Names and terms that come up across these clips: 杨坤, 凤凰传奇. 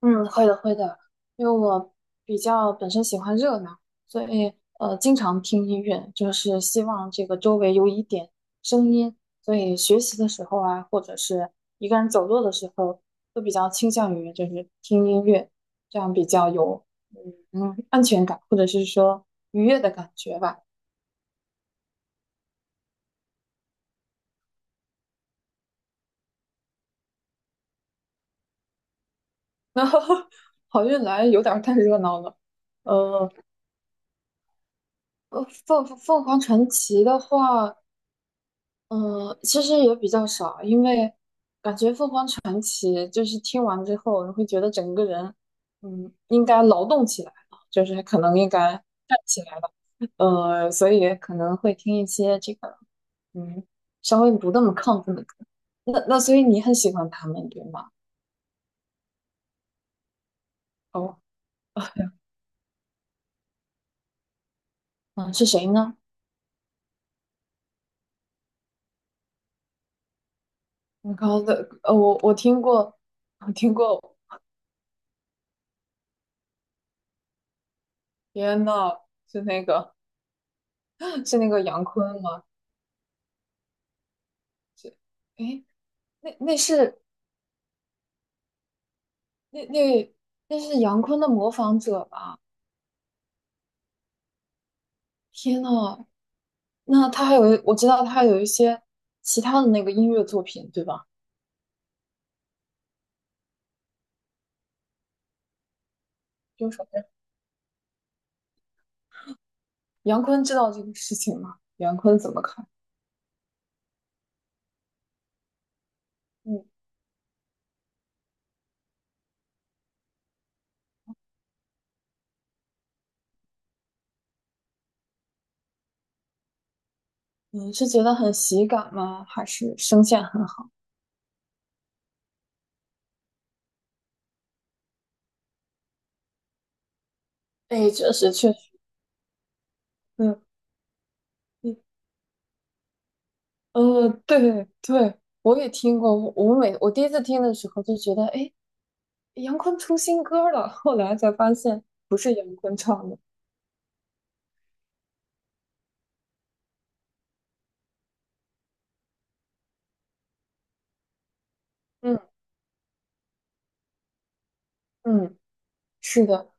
嗯，会的，会的，因为我比较本身喜欢热闹，所以经常听音乐，就是希望这个周围有一点声音，所以学习的时候啊，或者是一个人走路的时候，都比较倾向于就是听音乐，这样比较有安全感，或者是说愉悦的感觉吧。然后好运来有点儿太热闹了，呃，凤凰传奇的话。其实也比较少，因为感觉凤凰传奇就是听完之后，你会觉得整个人，嗯，应该劳动起来了，就是可能应该站起来了，所以可能会听一些这个，嗯，稍微不那么亢奋的歌。那所以你很喜欢他们，对吗？哦，嗯，是谁呢？你刚的，我听过，我听过，天呐，是那个 是那个杨坤吗？是，诶。那那是那那那是杨坤的模仿者吧？天呐，那他还有，我知道他还有一些其他的那个音乐作品，对吧？就首先，杨坤知道这个事情吗？杨坤怎么看？嗯，你是觉得很喜感吗？还是声线很好？哎，确实确实，嗯嗯对对，我也听过。我第一次听的时候就觉得，哎，杨坤出新歌了。后来才发现不是杨坤唱的。嗯嗯，是的。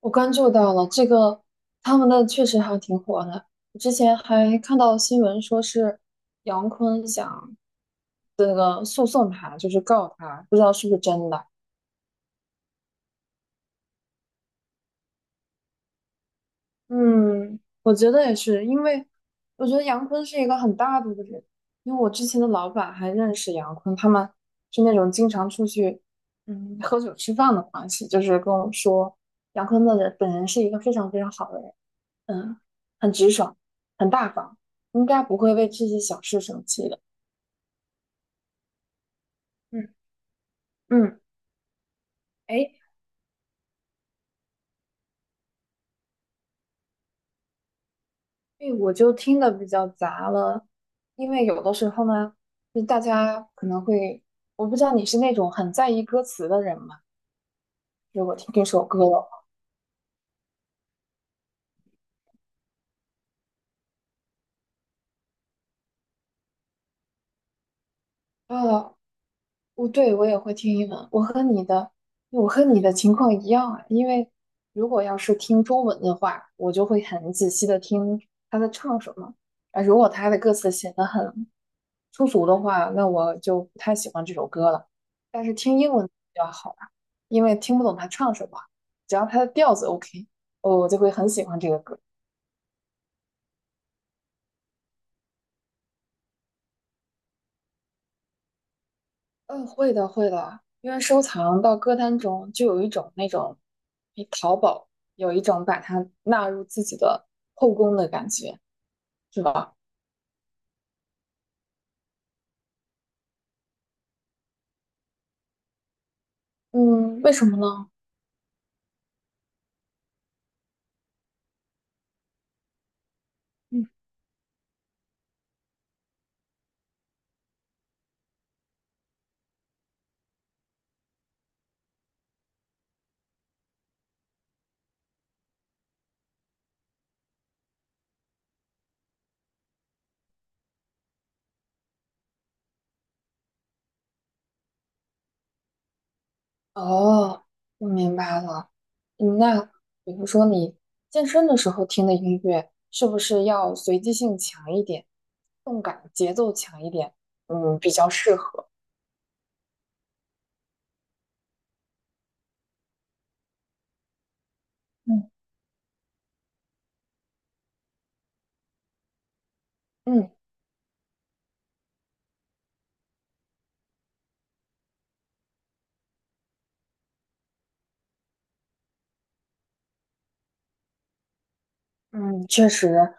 我关注到了这个，他们的确实还挺火的。我之前还看到新闻说是杨坤想这个诉讼他，就是告他，不知道是不是真的。嗯，我觉得也是，因为我觉得杨坤是一个很大度的人，因为我之前的老板还认识杨坤，他们是那种经常出去喝酒吃饭的关系，就是跟我说杨坤的人本人是一个非常非常好的人。嗯，很直爽，很大方，应该不会为这些小事生气的。嗯，嗯，哎，所我就听的比较杂了，因为有的时候呢，就大家可能会，我不知道你是那种很在意歌词的人吗？如果听这首歌的话，啊我对我也会听英文，我和你的情况一样啊。因为如果要是听中文的话，我就会很仔细的听他在唱什么。啊，如果他的歌词写的很粗俗的话，那我就不太喜欢这首歌了。但是听英文比较好啊，因为听不懂他唱什么，只要他的调子 OK，哦我就会很喜欢这个歌。嗯，会的，会的，因为收藏到歌单中就有一种那种，诶，淘宝有一种把它纳入自己的后宫的感觉，是吧？嗯，为什么呢？嗯，哦，我明白了。嗯，那比如说你健身的时候听的音乐，是不是要随机性强一点，动感节奏强一点？嗯，比较适合。嗯嗯。嗯，确实，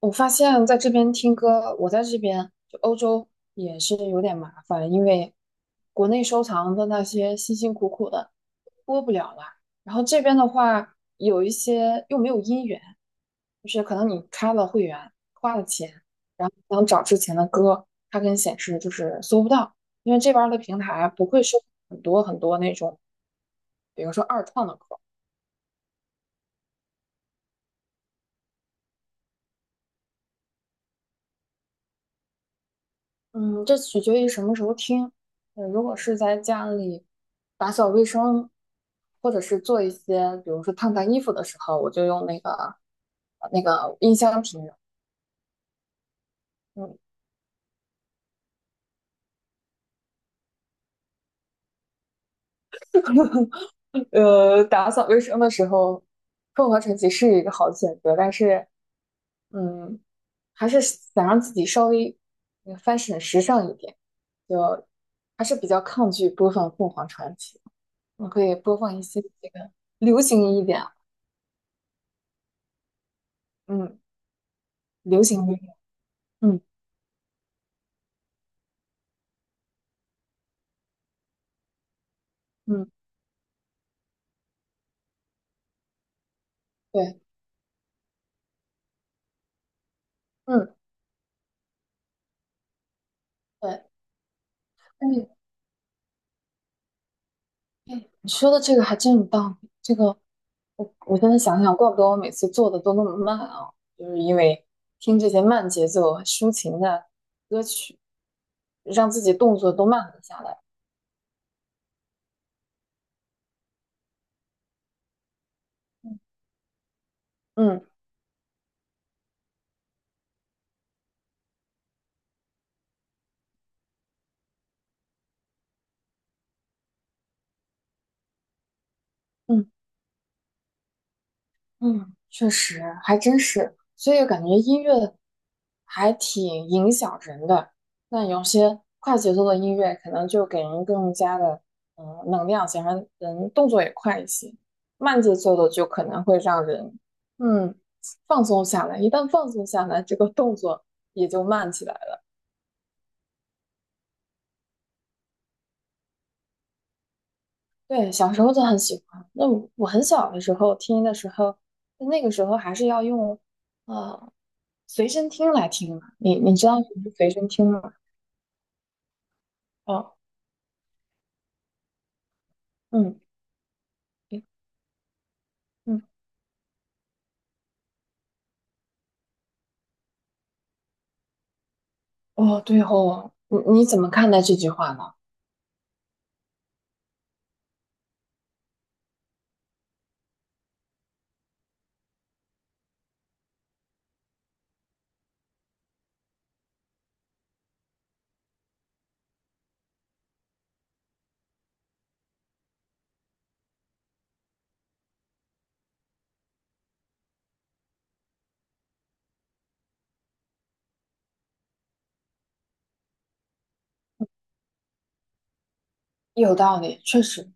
我发现在这边听歌，我在这边就欧洲也是有点麻烦，因为国内收藏的那些辛辛苦苦的播不了了，然后这边的话有一些又没有音源，就是可能你开了会员，花了钱，想找之前的歌，它跟显示就是搜不到，因为这边儿的平台不会收很多很多那种，比如说二创的歌。嗯，这取决于什么时候听。如果是在家里打扫卫生，或者是做一些，比如说烫烫衣服的时候，我就用那个音箱听着嗯，打扫卫生的时候，凤凰传奇是一个好选择，但是，嗯，还是想让自己稍微嗯 fashion 时尚一点，就还是比较抗拒播放凤凰传奇。我可以播放一些这个流行一点啊，嗯。流行音乐，嗯嗯，对，嗯对，那你哎你说的这个还真有道理。这个我现在想想，怪不得我每次做的都那么慢啊，就是因为听这些慢节奏啊、抒情的歌曲，让自己动作都慢了下来。嗯嗯。嗯嗯，确实，还真是，所以感觉音乐还挺影响人的。那有些快节奏的音乐，可能就给人更加的能量，想让人动作也快一些。慢节奏的就可能会让人嗯放松下来，一旦放松下来，这个动作也就慢起来了。对，小时候就很喜欢。那我很小的时候听的时候，那个时候还是要用，呃随身听来听嘛。你知道什么是随身听吗？哦，嗯，诶嗯，哦，对哦，你怎么看待这句话呢？有道理，确实。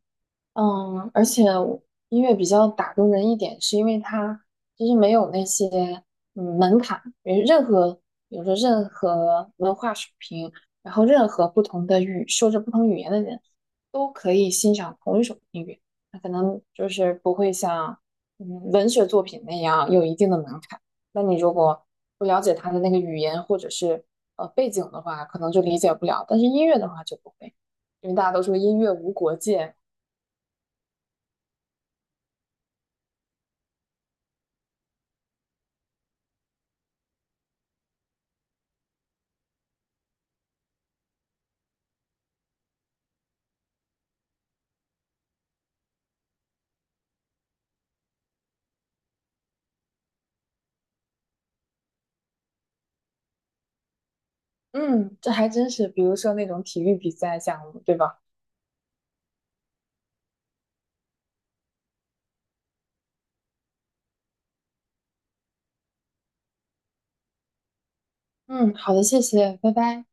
嗯，而且我音乐比较打动人一点，是因为它其实没有那些门槛，因为任何比如说任何文化水平，然后任何不同的语说着不同语言的人都可以欣赏同一首音乐，那可能就是不会像文学作品那样有一定的门槛。那你如果不了解它的那个语言或者是背景的话，可能就理解不了，但是音乐的话就不会。因为大家都说音乐无国界，嗯，这还真是，比如说那种体育比赛项目，对吧？嗯，好的，谢谢，拜拜。